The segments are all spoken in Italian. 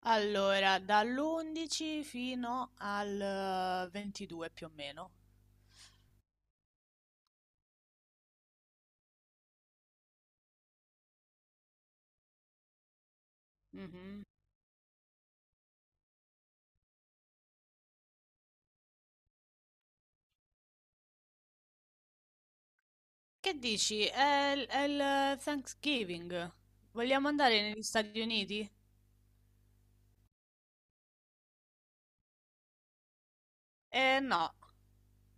Allora, dall'11 fino al 22 più o meno. Mhm. Che dici? È il Thanksgiving. Vogliamo andare negli Stati Uniti? Eh no.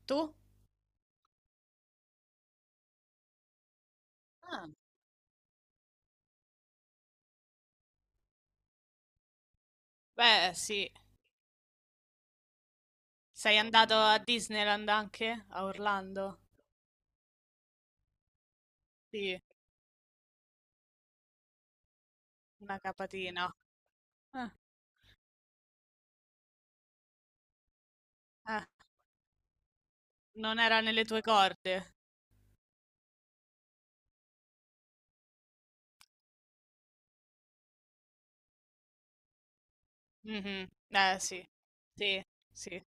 Tu? Ah, beh, sì. Sei andato a Disneyland anche? A Orlando? Sì, una capatina. Ah, ah, non era nelle tue corde. Mhm. Eh sì. Sì, sì.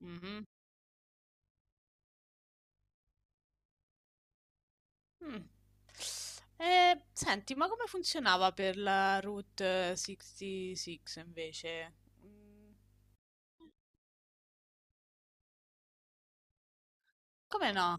Mhm. Mh. E senti, ma come funzionava per la Route 66 invece? Mhmm, Come no?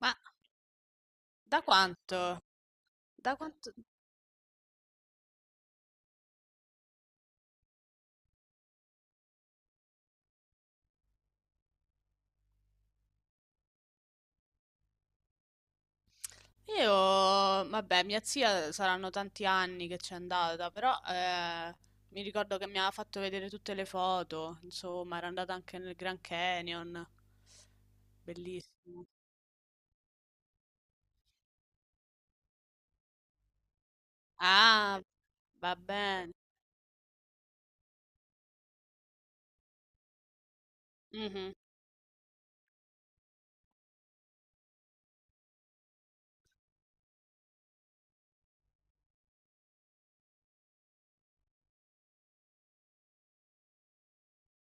Ma da quanto? Da quanto io Vabbè, mia zia saranno tanti anni che c'è andata, però, mi ricordo che mi aveva fatto vedere tutte le foto, insomma, era andata anche nel Grand Canyon. Bellissimo. Ah, va bene. Mh-mh.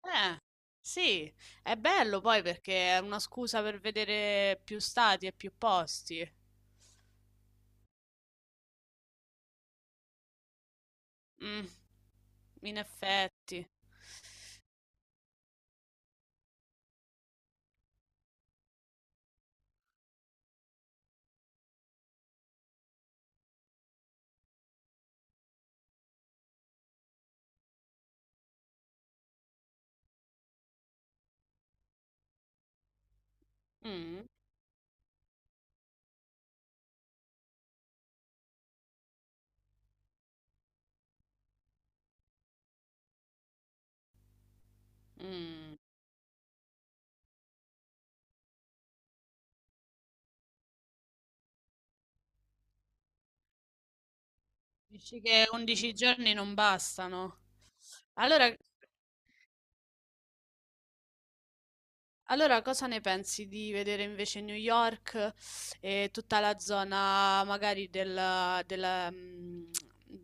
Eh, sì, è bello poi perché è una scusa per vedere più stati e più posti. Mm, in effetti. Mm, mm. Dici che 11 giorni non bastano. Allora, allora, cosa ne pensi di vedere invece New York e tutta la zona magari della,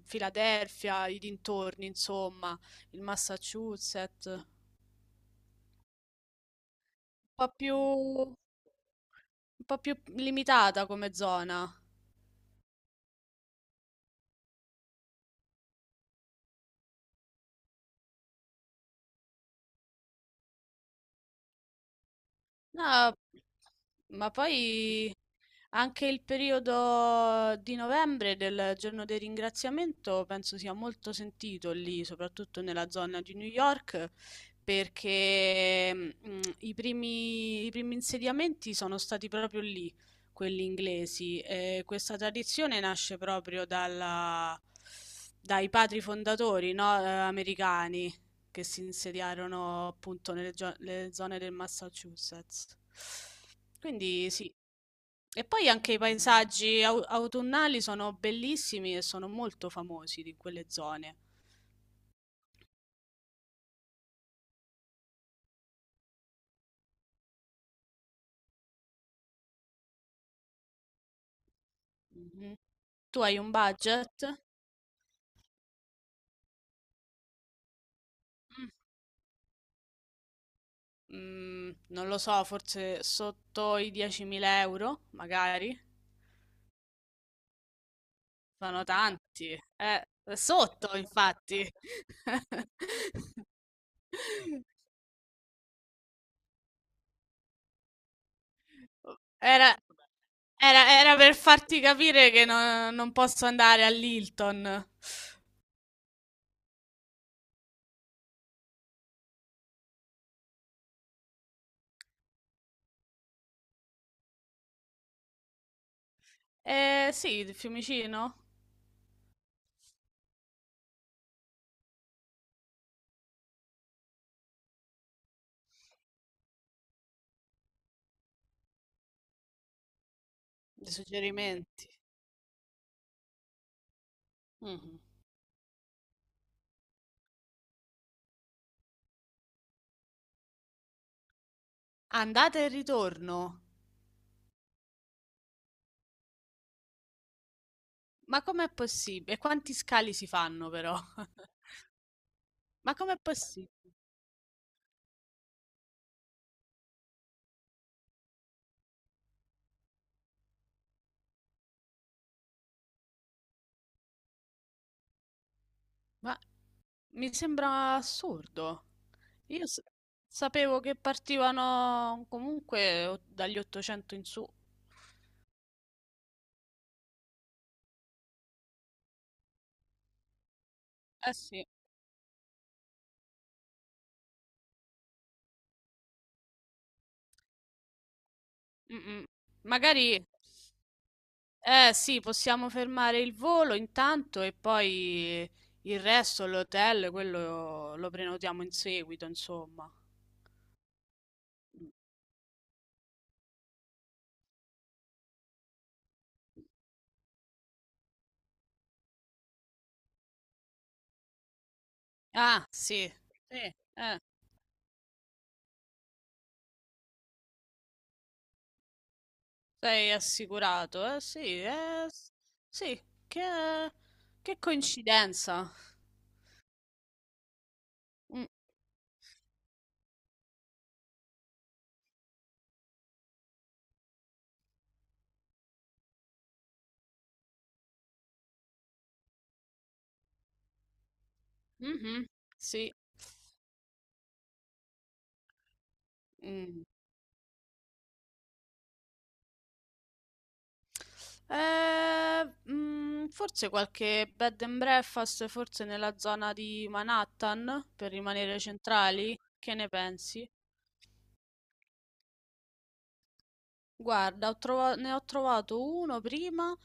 Filadelfia, i dintorni, insomma, il Massachusetts? po' più, un po' più limitata come zona. No, ma poi anche il periodo di novembre del giorno del ringraziamento penso sia molto sentito lì, soprattutto nella zona di New York, perché i primi insediamenti sono stati proprio lì, quelli inglesi. E questa tradizione nasce proprio dai padri fondatori, no, americani che si insediarono appunto le zone del Massachusetts. Quindi sì. E poi anche i paesaggi autunnali sono bellissimi e sono molto famosi di quelle zone. Mhm. Tu hai un budget? Mm, Non lo so, forse sotto i 10.000 euro, magari. Sono tanti. Sotto, infatti. Era, era per farti capire che non posso andare all'Hilton. Eh sì, di Fiumicino? Dei suggerimenti. Mhm. Andata e ritorno. Ma com'è possibile? Quanti scali si fanno però? Ma com'è possibile? Ma mi sembra assurdo. Io sapevo che partivano comunque dagli 800 in su. Eh sì. Mm, mm. Magari. Eh sì, possiamo fermare il volo intanto e poi il resto, l'hotel, quello lo prenotiamo in seguito, insomma. Ah, sì, sì, eh, sei assicurato, eh sì, sì, che, che coincidenza. Mm, mhm, sì. Mm. Forse qualche bed and breakfast, forse nella zona di Manhattan, per rimanere centrali. Che ne pensi? Guarda, ne ho trovato uno prima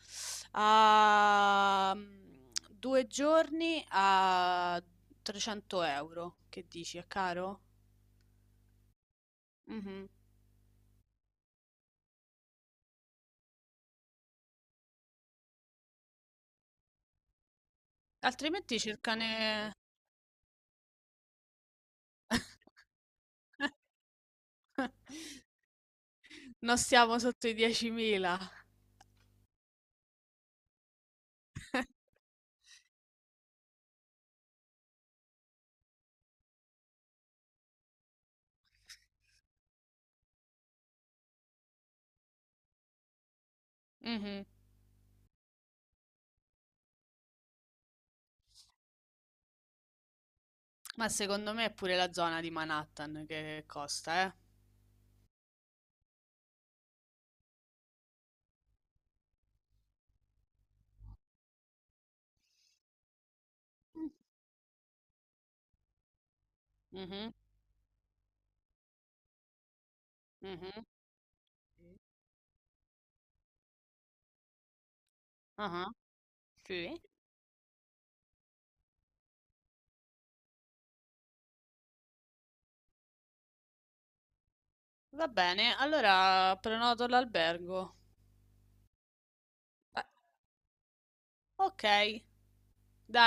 a 2 giorni a 300 euro. Che dici, è caro? Mhm. Altrimenti cercane... Non stiamo sotto i 10.000. Mhm. Ma secondo me è pure la zona di Manhattan che costa, eh. Mm. Mhm, mhm, sì. Ah. Sì. Va bene, allora prenoto l'albergo. Beh, ok, dai.